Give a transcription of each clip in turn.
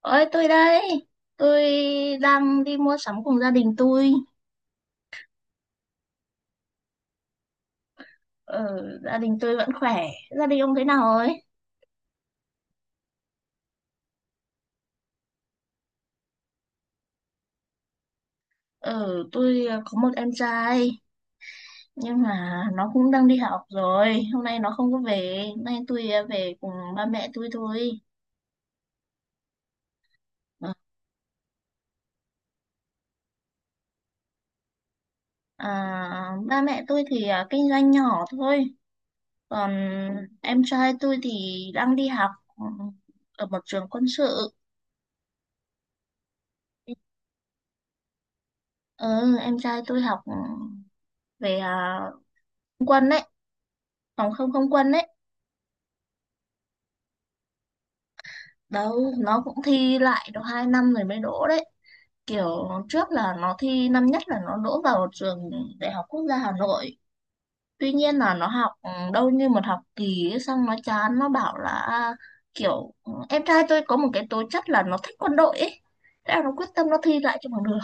Ôi tôi đây, tôi đang đi mua sắm cùng gia đình tôi. Ờ, Gia đình tôi vẫn khỏe. Gia đình ông thế nào rồi? Ờ, tôi có một em trai nhưng mà nó cũng đang đi học rồi. Hôm nay nó không có về, hôm nay tôi về cùng ba mẹ tôi thôi. Ờ, À, ba mẹ tôi thì kinh doanh nhỏ thôi. Còn em trai tôi thì đang đi học ừ, ở một trường quân sự. Ờ, em trai tôi học về quân đấy. Không, không, không quân đấy, đâu nó cũng thi lại được 2 năm rồi mới đỗ đấy, kiểu trước là nó thi năm nhất là nó đỗ vào trường Đại học Quốc gia Hà Nội. Tuy nhiên là nó học đâu như một học kỳ ấy, xong nó chán nó bảo là kiểu em trai tôi có một cái tố chất là nó thích quân đội ấy, thế là nó quyết tâm nó thi lại cho bằng được.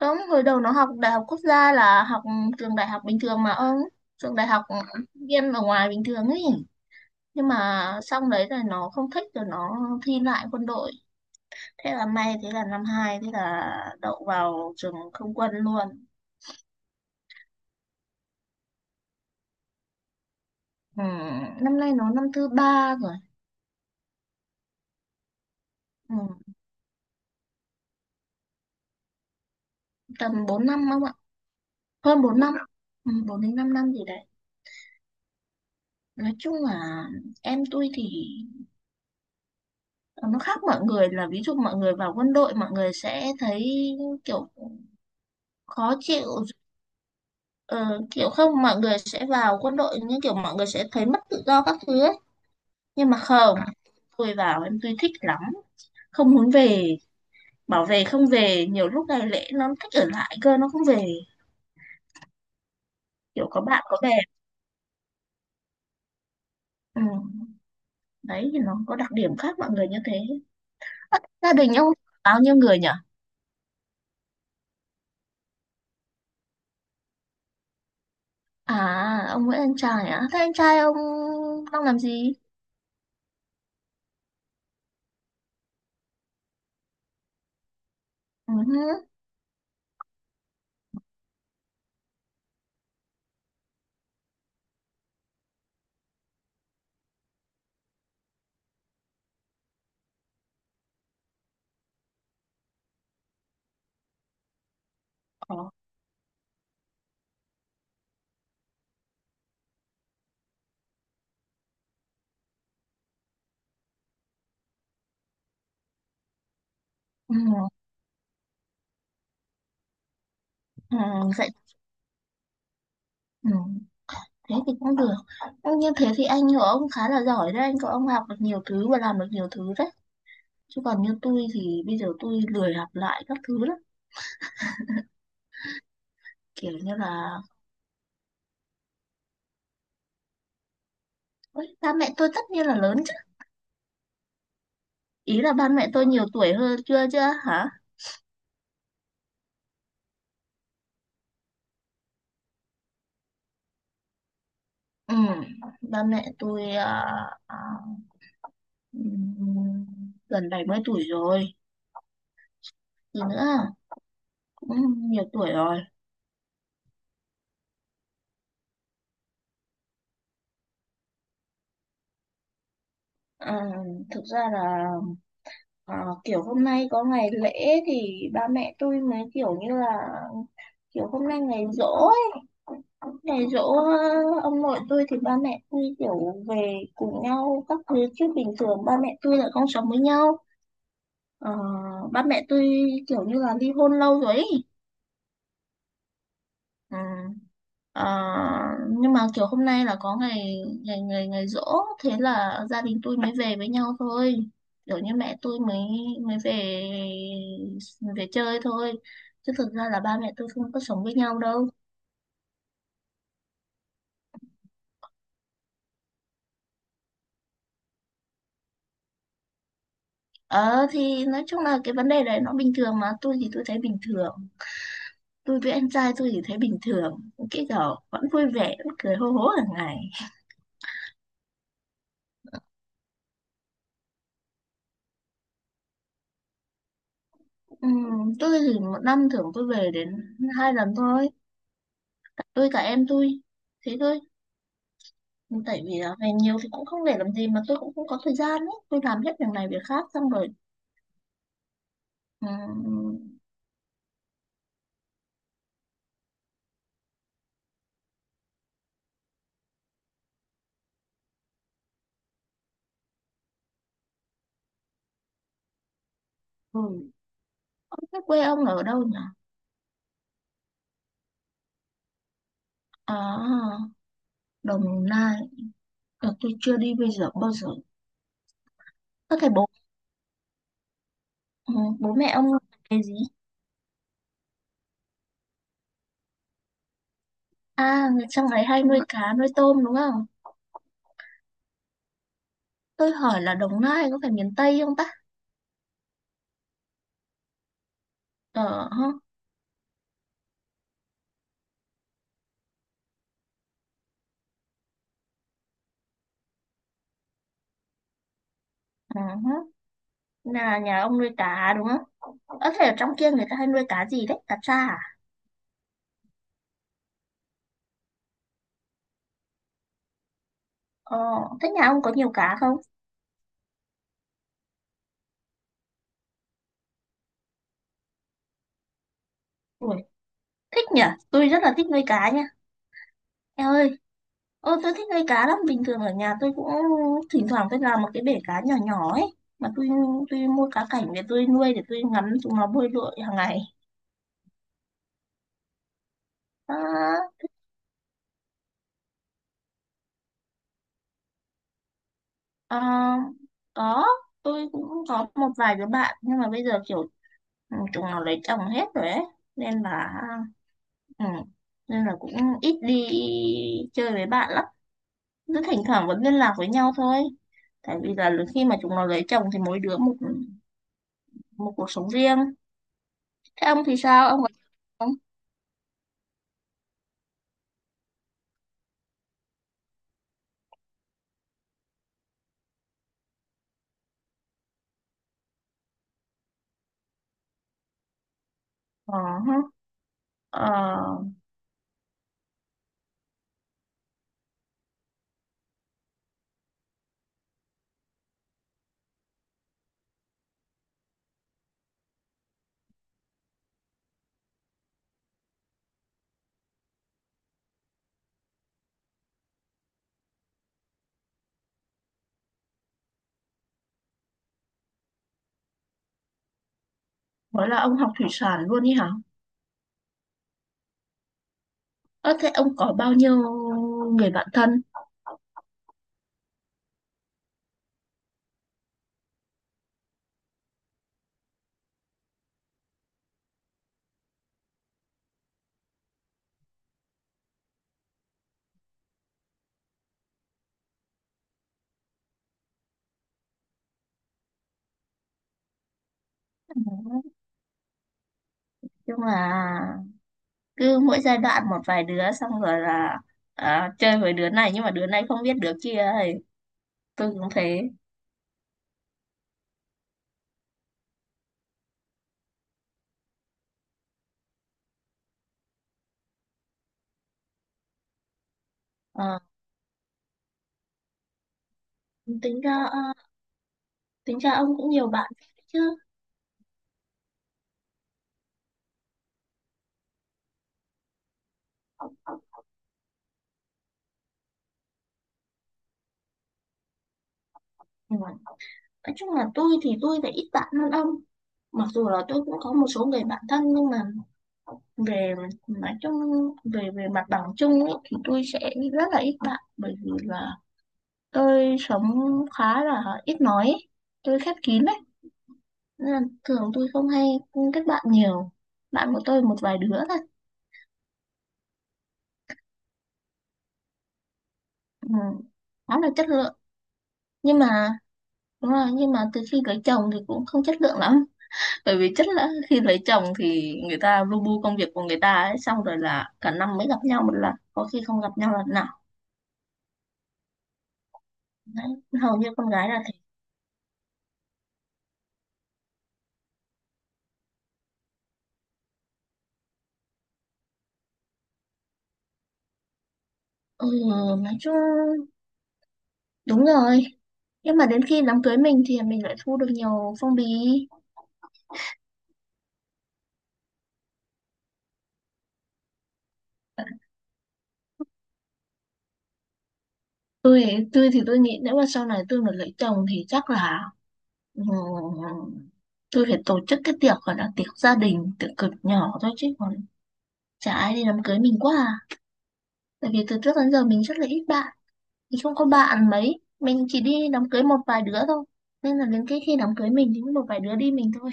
Đúng, hồi đầu nó học Đại học Quốc gia là học trường đại học bình thường mà ông, trường đại học sinh viên ở ngoài bình thường ấy. Nhưng mà xong đấy rồi nó không thích rồi nó thi lại quân đội, thế là may, thế là năm hai, thế là đậu vào trường không quân luôn. ừ, Năm nay nó năm thứ ba rồi. ừ, Tầm 4 năm không ạ? Hơn 4 năm, 4 đến 5 năm gì đấy. Nói chung là em tôi thì nó khác mọi người, là ví dụ mọi người vào quân đội mọi người sẽ thấy kiểu khó chịu. Ờ, Kiểu không, mọi người sẽ vào quân đội như kiểu mọi người sẽ thấy mất tự do các thứ ấy, nhưng mà không. Tôi vào em tôi thích lắm, không muốn về, bảo về không về, nhiều lúc ngày lễ nó thích ở lại cơ nó không về, kiểu có bạn có bè. Ừ. Đấy thì nó có đặc điểm khác mọi người như thế. Ơ, gia đình ông bao nhiêu người nhỉ? À, ông với anh trai, à thế anh trai ông đang làm gì? Ừ. Hứ. Ờ. Ừ. Ừ. Vậy. ừ. Thế thì cũng được. Ừ, như thế thì anh của ông khá là giỏi đấy, anh của ông học được nhiều thứ và làm được nhiều thứ đấy, chứ còn như tôi thì bây giờ tôi lười học lại các thứ lắm, kiểu như là. Ôi, ba mẹ tôi tất nhiên là lớn chứ. Ý là ba mẹ tôi nhiều tuổi hơn chưa chưa hả? Ừ, Ba mẹ tôi à, ừm, gần 70 tuổi rồi. Gì nữa? Cũng nhiều tuổi rồi. Ờ, Thực ra là kiểu hôm nay có ngày lễ thì ba mẹ tôi mới kiểu như là kiểu hôm nay ngày giỗ ấy. Ngày giỗ ông nội tôi thì ba mẹ tôi kiểu về cùng nhau các thứ chứ bình thường ba mẹ tôi là không sống với nhau. Ờ, Ba mẹ tôi kiểu như là ly hôn lâu rồi ấy. Ừ. Ờ, nhưng mà kiểu hôm nay là có ngày ngày ngày ngày giỗ, thế là gia đình tôi mới về với nhau thôi, kiểu như mẹ tôi mới mới về, về chơi thôi, chứ thực ra là ba mẹ tôi không có sống với nhau đâu. Ờ thì nói chung là cái vấn đề đấy nó bình thường mà, tôi thì tôi thấy bình thường, tôi với anh trai tôi thì thấy bình thường, cái kiểu vẫn vui vẻ vẫn cười hô hố hàng ngày. Ừ, tôi thì một năm thường tôi về đến 2 lần thôi, tôi cả em tôi, thế thôi. Tại vì là về nhiều thì cũng không để làm gì mà tôi cũng không có thời gian ấy, tôi làm hết việc này việc khác xong rồi. Ừ, ừ. ông thế quê ông ở đâu nhỉ? À, Đồng Nai. Tôi chưa đi bây giờ bao giờ. Có thể bố ừ, Bố mẹ ông làm nghề gì? À, người trong này hay nuôi cá nuôi tôm đúng không? Tôi hỏi là Đồng Nai có phải miền Tây không ta? Ờ ha. Ờ ha. Là nhà ông nuôi cá đúng không? Có thể ở trong kia người ta hay nuôi cá gì đấy, cá tra à? Ờ, Thế nhà ông có nhiều cá không? Ui, thích nhỉ? Tôi rất là thích nuôi cá nha. Em ơi, ô tôi thích nuôi cá lắm. Bình thường ở nhà tôi cũng thỉnh thoảng tôi làm một cái bể cá nhỏ nhỏ ấy. Mà tôi mua cá cảnh để tôi nuôi để tôi ngắm chúng nó bơi lội hàng ngày. À, ờ, có, tôi cũng có một vài đứa bạn nhưng mà bây giờ kiểu chúng nó lấy chồng hết rồi ấy. Nên là. Ừ. Nên là Cũng ít đi chơi với bạn lắm, cứ thỉnh thoảng vẫn liên lạc với nhau thôi, tại vì là khi mà chúng nó lấy chồng thì mỗi đứa một, một cuộc sống riêng. Thế ông thì sao ông có không? Ờ hả. Ờ, mới là ông học thủy sản luôn đi hả? Ơ, thế ông có bao nhiêu người bạn thân? Ừ. Nhưng mà cứ mỗi giai đoạn một vài đứa xong rồi là à, chơi với đứa này nhưng mà đứa này không biết đứa kia ấy. Tôi cũng thế. Ờ, Tính ra tính ra ông cũng nhiều bạn chứ. Ừ. Nói chung là tôi thì tôi lại ít bạn hơn ông, mặc dù là tôi cũng có một số người bạn thân nhưng mà về nói chung về về mặt bằng chung ấy, thì tôi sẽ rất là ít bạn bởi vì là tôi sống khá là ít nói ấy, tôi khép kín đấy, nên là thường tôi không hay kết bạn nhiều, bạn của tôi một vài đứa thôi. Ừ. Khá là chất lượng. Nhưng mà Đúng rồi, nhưng mà từ khi cưới chồng thì cũng không chất lượng lắm. Bởi vì chắc là khi lấy chồng thì người ta lu bu công việc của người ta ấy, xong rồi là cả năm mới gặp nhau một lần, có khi không gặp nhau lần nào. Đấy, hầu như con gái là thế. Ừ, nói chung đúng rồi. Nhưng mà đến khi đám cưới mình thì mình lại thu được nhiều phong bì. Tôi tôi thì tôi nghĩ nếu mà sau này tôi mà lấy chồng thì chắc là ừ, tôi phải tổ chức cái tiệc gọi là tiệc gia đình, tiệc cực nhỏ thôi, chứ còn chả ai đi đám cưới mình quá à. Tại vì từ trước đến giờ mình rất là ít bạn. Nói chung có bạn mấy mình chỉ đi đám cưới một vài đứa thôi, nên là đến cái khi đám cưới mình thì có một vài đứa đi mình thôi.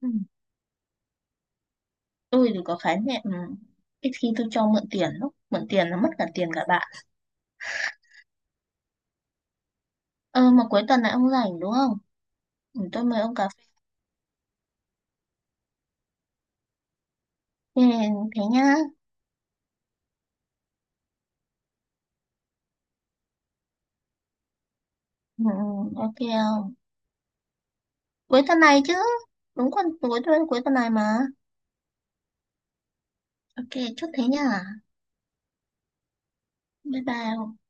ừ. Tôi thì có khái niệm ít khi tôi cho mượn tiền lắm, mượn tiền là mất cả tiền cả bạn. Ờ mà cuối tuần này ông rảnh đúng không? Tôi mời ông cà phê. Thế, thế nhá ừ, ok không? Cuối tuần này chứ, đúng, còn cuối tuần này mà. Ok, chốt thế nhá. Bye bye.